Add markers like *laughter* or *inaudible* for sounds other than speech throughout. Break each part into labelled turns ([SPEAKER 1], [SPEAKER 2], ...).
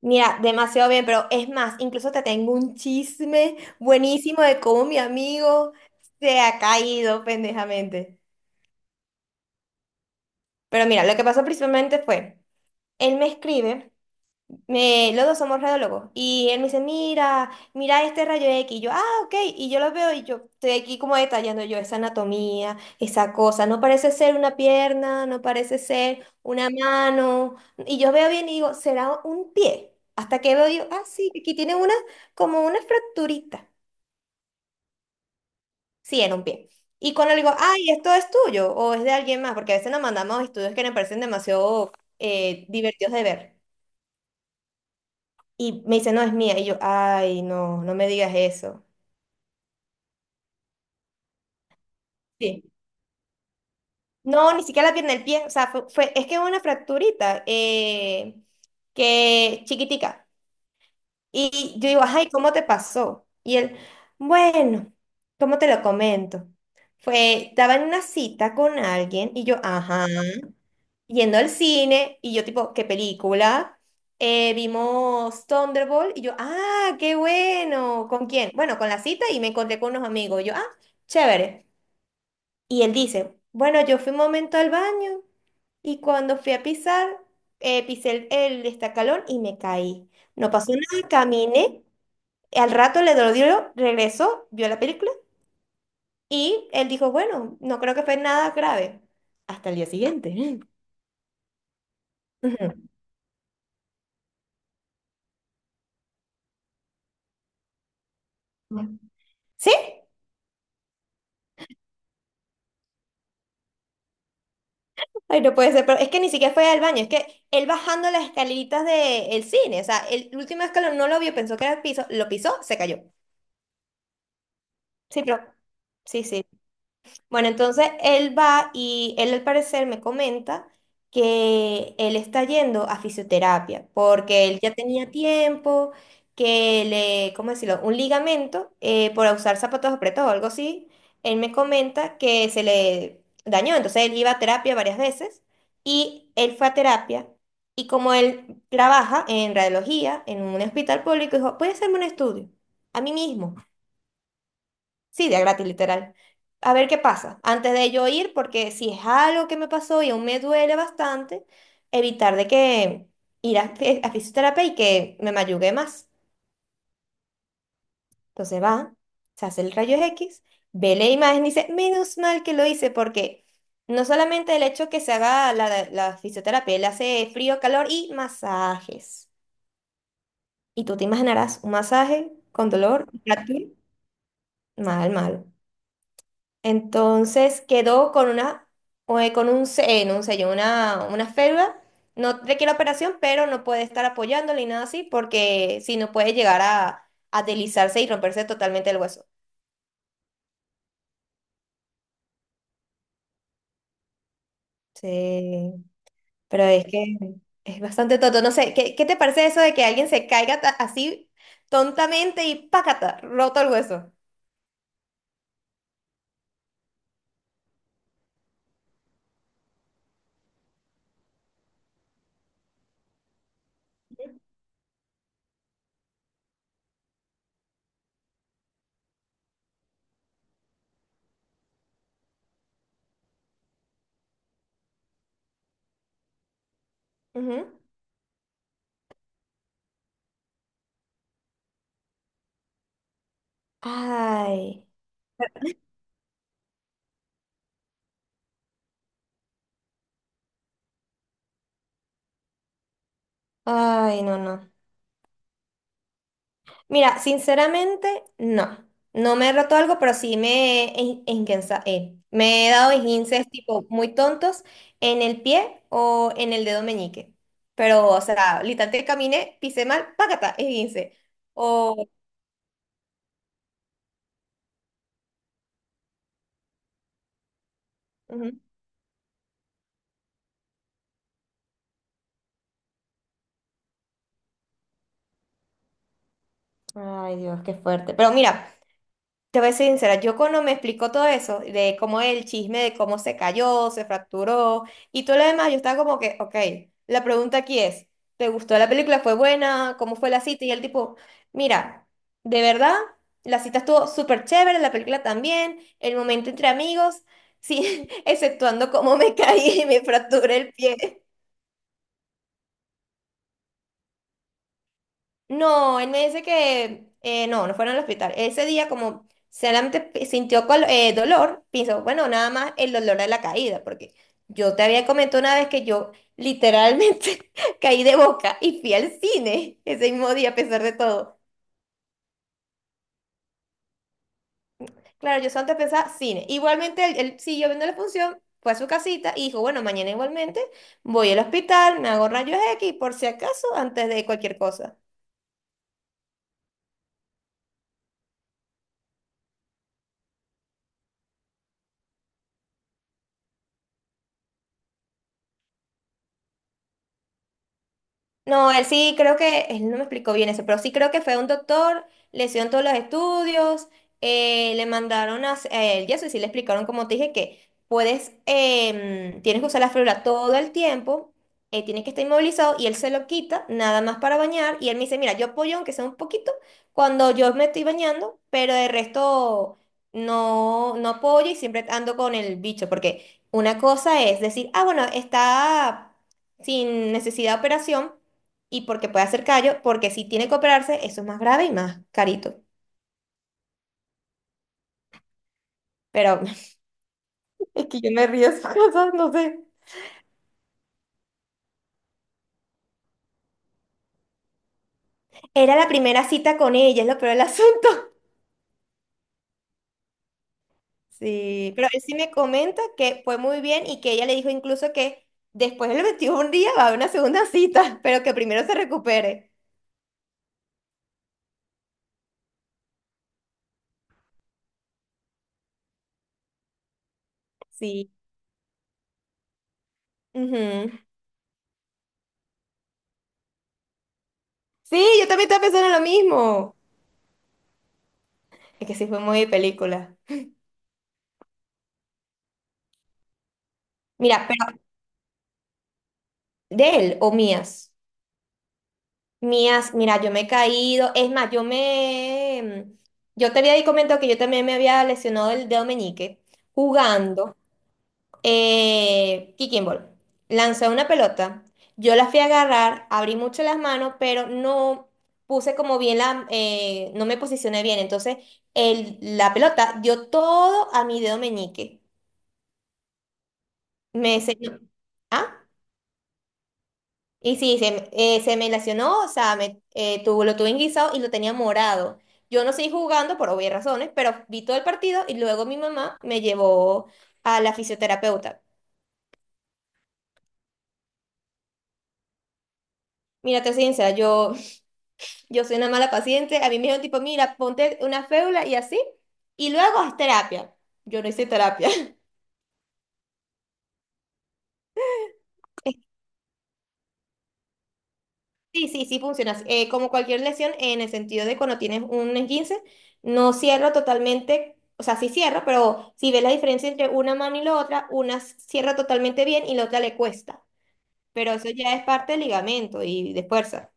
[SPEAKER 1] Mira, demasiado bien, pero es más, incluso te tengo un chisme buenísimo de cómo mi amigo se ha caído pendejamente. Pero mira, lo que pasó principalmente fue, él me escribe. Me, los dos somos radiólogos. Y él me dice, mira, mira este rayo X. Y yo, ah, ok. Y yo lo veo y yo estoy aquí como detallando yo esa anatomía, esa cosa. No parece ser una pierna, no parece ser una mano. Y yo veo bien y digo, será un pie. Hasta que veo yo, ah, sí, aquí tiene una, como una fracturita. Sí, era un pie. Y cuando le digo, ay, esto es tuyo o es de alguien más, porque a veces nos mandamos estudios que nos parecen demasiado divertidos de ver. Y me dice, no, es mía. Y yo, ay, no, no me digas eso. Sí. No, ni siquiera la pierna del pie. O sea, es que es una fracturita que chiquitica. Y yo digo, ay, ¿cómo te pasó? Y él, bueno, ¿cómo te lo comento? Fue, estaba en una cita con alguien y yo, ajá, yendo al cine y yo tipo, ¿qué película? Vimos Thunderbolt y yo, ah, qué bueno. ¿Con quién? Bueno, con la cita y me encontré con unos amigos. Y yo, ah, chévere. Y él dice, bueno, yo fui un momento al baño y cuando fui a pisar, pisé el destacalón y me caí. No pasó nada, caminé, al rato le dolió, regresó, vio la película y él dijo, bueno, no creo que fue nada grave. Hasta el día siguiente. *laughs* Ujú. ¿Sí? Ay, no puede ser, pero es que ni siquiera fue al baño, es que él bajando las escaleritas del cine, o sea, el último escalón no lo vio, pensó que era el piso, lo pisó, se cayó. Sí, pero... Sí, sí. Bueno, entonces él va y él al parecer me comenta que él está yendo a fisioterapia porque él ya tenía tiempo que le, ¿cómo decirlo? Un ligamento por usar zapatos apretados o algo así. Él me comenta que se le dañó, entonces él iba a terapia varias veces y él fue a terapia y como él trabaja en radiología en un hospital público, dijo, ¿puede hacerme un estudio? A mí mismo. Sí, día gratis, literal. A ver qué pasa. Antes de yo ir, porque si es algo que me pasó y aún me duele bastante, evitar de que ir a, *laughs* a fisioterapia y que me mayugue más. Entonces va, se hace el rayo X, ve la imagen y dice, menos mal que lo hice, porque no solamente el hecho que se haga la fisioterapia, él hace frío, calor y masajes. Y tú te imaginarás un masaje con dolor, fractura, mal, mal. Entonces quedó con una, o, con un, no, un sello, una férula. No requiere operación, pero no puede estar apoyándole y nada así, porque si no puede llegar a deslizarse y romperse totalmente el hueso. Sí, pero es que es bastante tonto. No sé, qué te parece eso de que alguien se caiga así tontamente y ¡pácata! Roto el hueso. Ujú. Ay, ay, no, no. Mira, sinceramente, no. No me he roto algo, pero sí me he, me he dado esguinces tipo muy tontos en el pie o en el dedo meñique. Pero, o sea, literalmente caminé, pisé mal, págata, esguince. O... ujú. Ay, Dios, qué fuerte. Pero mira. Te voy a ser sincera, yo cuando me explicó todo eso, de cómo el chisme, de cómo se cayó, se fracturó y todo lo demás, yo estaba como que, ok, la pregunta aquí es, ¿te gustó la película? ¿Fue buena? ¿Cómo fue la cita? Y el tipo, mira, de verdad, la cita estuvo súper chévere, la película también, el momento entre amigos, sí, *laughs* exceptuando cómo me caí y me fracturé el pie. No, él me dice que no, no fueron al hospital. Ese día, como solamente sintió dolor, pensó, bueno, nada más el dolor de la caída, porque yo te había comentado una vez que yo literalmente *laughs* caí de boca y fui al cine ese mismo día, a pesar de todo. Claro, yo solamente pensaba cine. Igualmente, él siguió viendo la función, fue a su casita y dijo, bueno, mañana igualmente voy al hospital, me hago rayos X, por si acaso, antes de cualquier cosa. No, él sí creo que, él no me explicó bien eso, pero sí creo que fue un doctor, le hicieron todos los estudios, le mandaron a, a él, y eso y sí le explicaron, como te dije, que puedes, tienes que usar la férula todo el tiempo, tienes que estar inmovilizado, y él se lo quita, nada más para bañar, y él me dice, mira, yo apoyo aunque sea un poquito, cuando yo me estoy bañando, pero de resto no, no apoyo y siempre ando con el bicho, porque una cosa es decir, ah, bueno, está sin necesidad de operación, y porque puede hacer callo, porque si tiene que operarse, eso es más grave y más carito. Pero *laughs* es que yo me río de esas cosas, no sé. Era la primera cita con ella, es lo peor del asunto. *laughs* Sí, pero él sí me comenta que fue muy bien y que ella le dijo incluso que después del 21 día va a haber una segunda cita, *laughs* pero que primero se recupere. Sí. Ujú. Sí, yo también estaba pensando en lo mismo. Es que sí fue muy de película. Mira, pero de él o mías. Mías, mira, yo me he caído. Es más, yo te había comentado que yo también me había lesionado el dedo meñique jugando kicking ball. Lancé una pelota. Yo la fui a agarrar, abrí mucho las manos, pero no puse como bien la. No me posicioné bien. Entonces, la pelota dio todo a mi dedo meñique. Me se- ¿Ah? Y sí, se me lacionó, o sea, lo tuve en guisado y lo tenía morado. Yo no seguí jugando por obvias razones, pero vi todo el partido y luego mi mamá me llevó a la fisioterapeuta. Mira, te soy sincera, *laughs* yo soy una mala paciente. A mí me dijeron tipo, mira, ponte una fédula y así, y luego haz terapia. Yo no hice terapia. *laughs* Sí, sí, sí funciona. Como cualquier lesión, en el sentido de cuando tienes un esguince, no cierra totalmente, o sea, sí cierra, pero si ves la diferencia entre una mano y la otra, cierra totalmente bien y la otra le cuesta. Pero eso ya es parte del ligamento y de fuerza.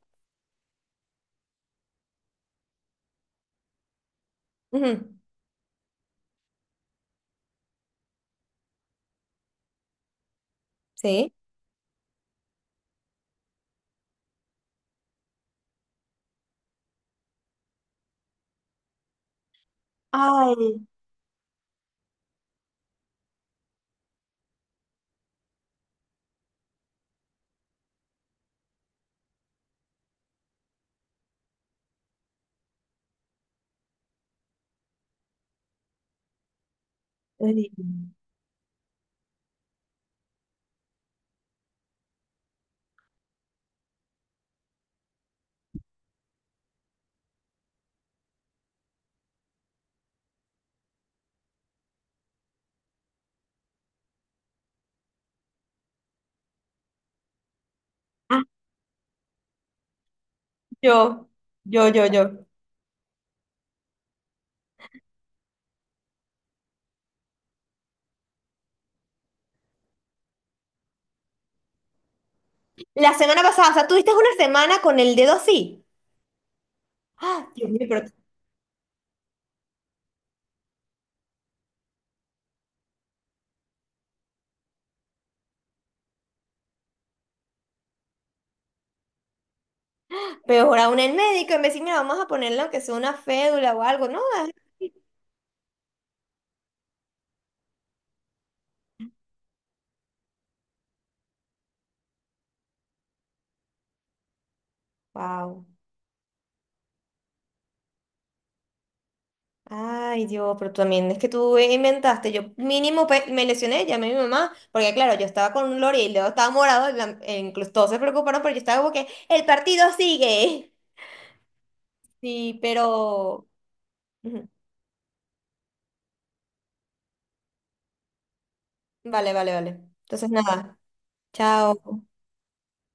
[SPEAKER 1] Ujú. Sí. Ay, ay. Ah, yo, yo. La semana pasada, o sea, tuviste una semana con el dedo así. Ah, Dios mío, pero peor aún el médico, en vez de decir, mira, vamos a ponerle aunque sea una fédula o algo, ¿no? Wow. Ay, Dios, pero también es que tú inventaste. Yo mínimo me lesioné, llamé a mi mamá, porque claro, yo estaba con un lore y luego estaba morado, y e incluso todos se preocuparon, pero yo estaba como que el partido sigue. *laughs* Sí, pero... ujú. Vale, vale, vale. Entonces nada, chao.